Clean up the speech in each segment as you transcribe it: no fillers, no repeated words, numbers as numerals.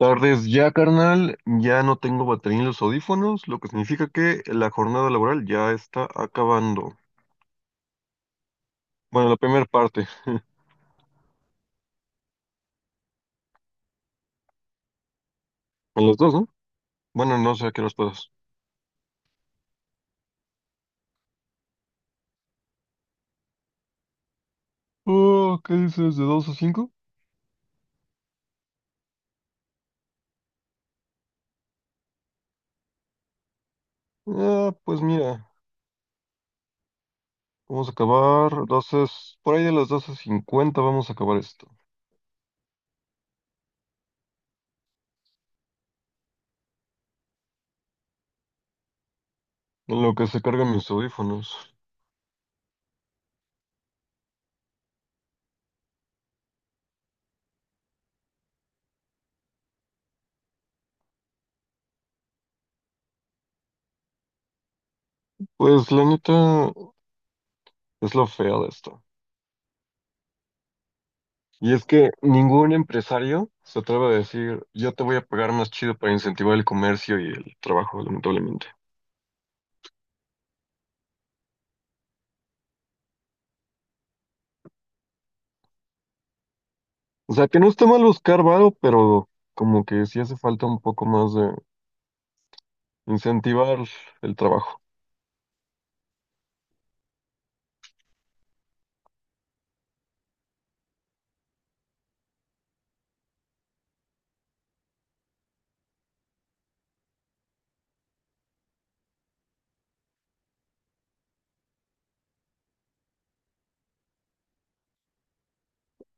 Tardes ya, carnal. Ya no tengo batería en los audífonos, lo que significa que la jornada laboral ya está acabando. Bueno, la primera parte. A las dos, ¿no? Bueno, no sé a qué horas puedas. Oh, ¿qué dices? ¿De dos a cinco? Ah, pues mira, vamos a acabar doce, por ahí de las 12:50 vamos a acabar esto. En lo que se cargan mis audífonos. Pues la neta es lo feo de esto. Y es que ningún empresario se atreve a decir, yo te voy a pagar más chido para incentivar el comercio y el trabajo, lamentablemente. O sea, que no está mal buscar varo, pero como que sí hace falta un poco más de incentivar el trabajo.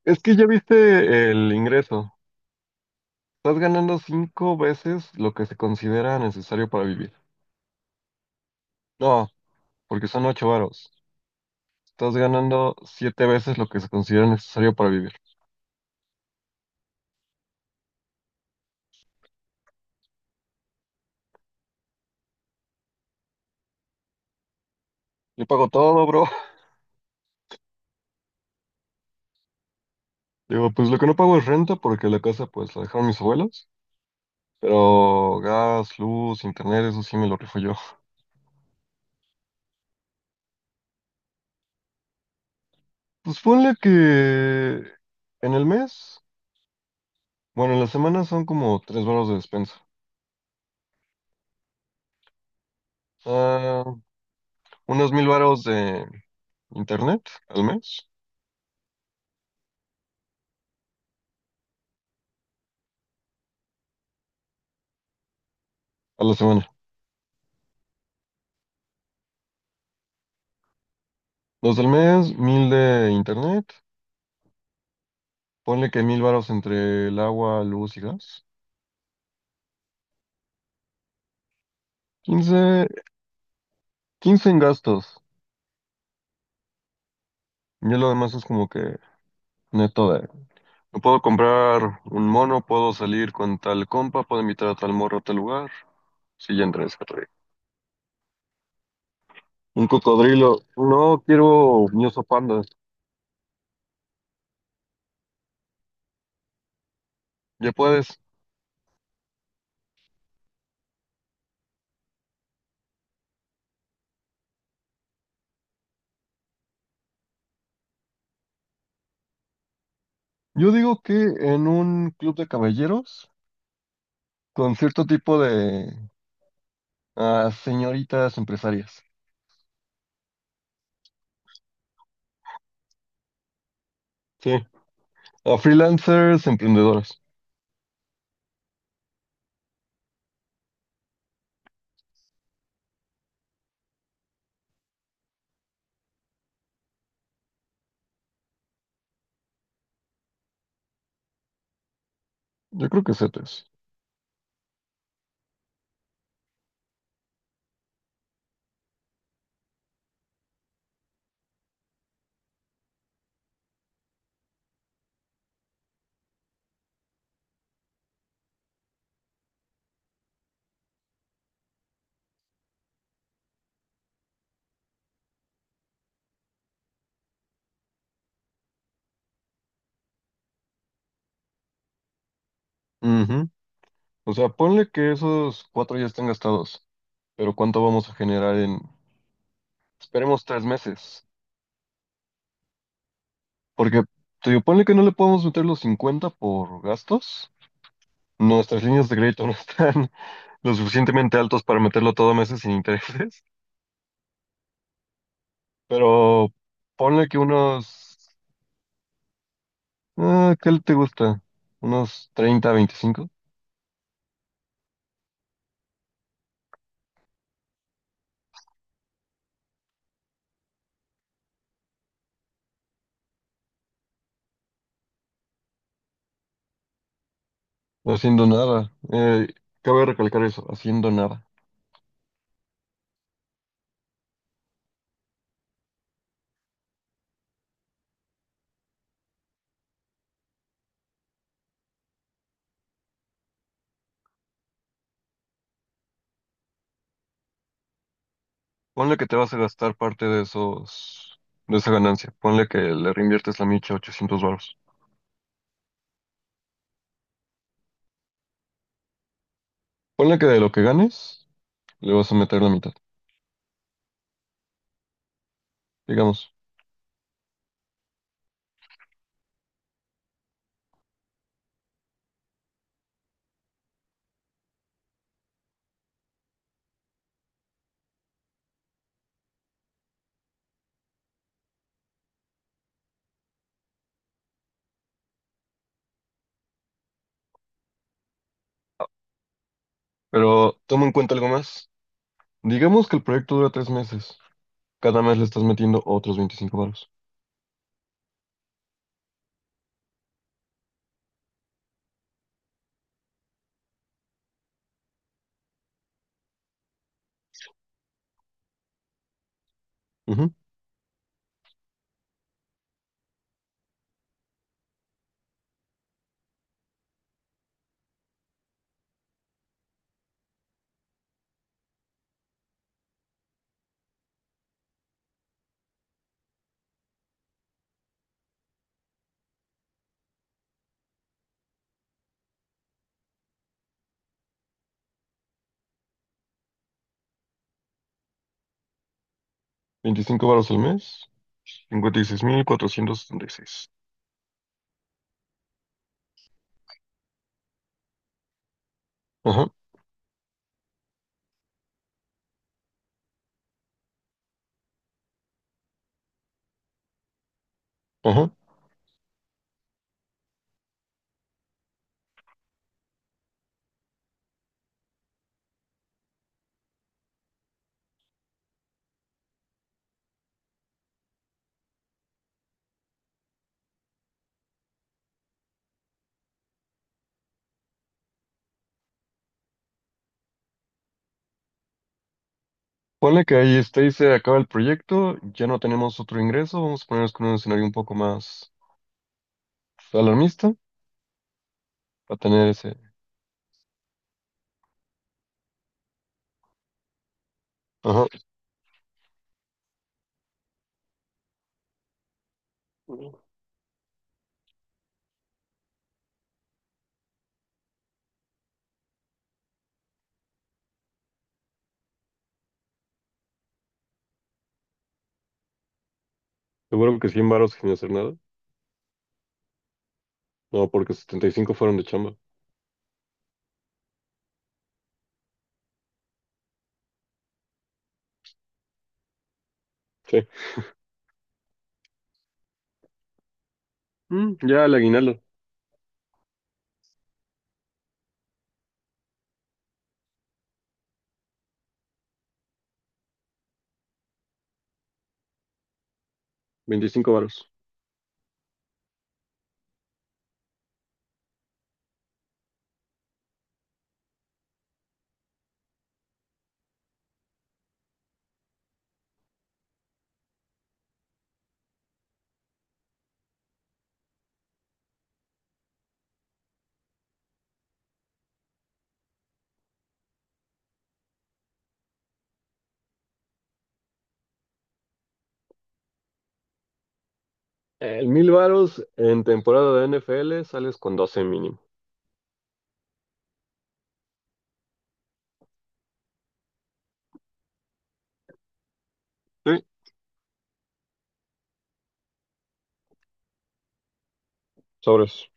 Es que ya viste el ingreso. Estás ganando cinco veces lo que se considera necesario para vivir. No, porque son ocho varos. Estás ganando siete veces lo que se considera necesario para vivir. Yo pago todo, bro. Digo, pues lo que no pago es renta porque la casa pues la dejaron mis abuelos. Pero gas, luz, internet, eso sí me lo rifo yo. Pues ponle que en el mes, bueno, en la semana son como tres varos de despensa. Ah, unos 1,000 varos de internet al mes, a la semana. Dos del mes, 1,000 de internet. Ponle que 1,000 varos entre el agua, luz y gas. 15, 15 en gastos. Y lo demás es como que neto de... No puedo comprar un mono, puedo salir con tal compa, puedo invitar a tal morro a tal lugar. Sí, ya entré ese. Un cocodrilo. No quiero un oso panda. Ya puedes. Yo digo que en un club de caballeros con cierto tipo de señoritas empresarias. Sí. A freelancers, emprendedoras. Yo creo que CETES. Ujú. O sea, ponle que esos cuatro ya están gastados. Pero ¿cuánto vamos a generar en, esperemos, tres meses? Porque, te digo, ponle que no le podemos meter los 50 por gastos. Nuestras líneas de crédito no están lo suficientemente altos para meterlo todo a meses sin intereses, pero ponle que unos, ¿qué te gusta? Unos 30, 25 no haciendo nada. Cabe recalcar eso, haciendo nada. Ponle que te vas a gastar parte de esos, de esa ganancia. Ponle que le reinviertes la micha 800 baros. Ponle que de lo que ganes, le vas a meter la mitad, digamos. Pero toma en cuenta algo más. Digamos que el proyecto dura tres meses. Cada mes le estás metiendo otros 25 baros. 25 varos al mes, 56.476. Ajá, ajá. Ponle que ahí está y se acaba el proyecto, ya no tenemos otro ingreso, vamos a ponernos con un escenario un poco más alarmista para tener ese... Ajá, seguro que 100 varos sin hacer nada. No, porque 75 fueron de chamba. Sí. Ya el aguinaldo, 25 varos. El 1,000 varos en temporada de NFL sales con 12 mínimo. Sí, sobres.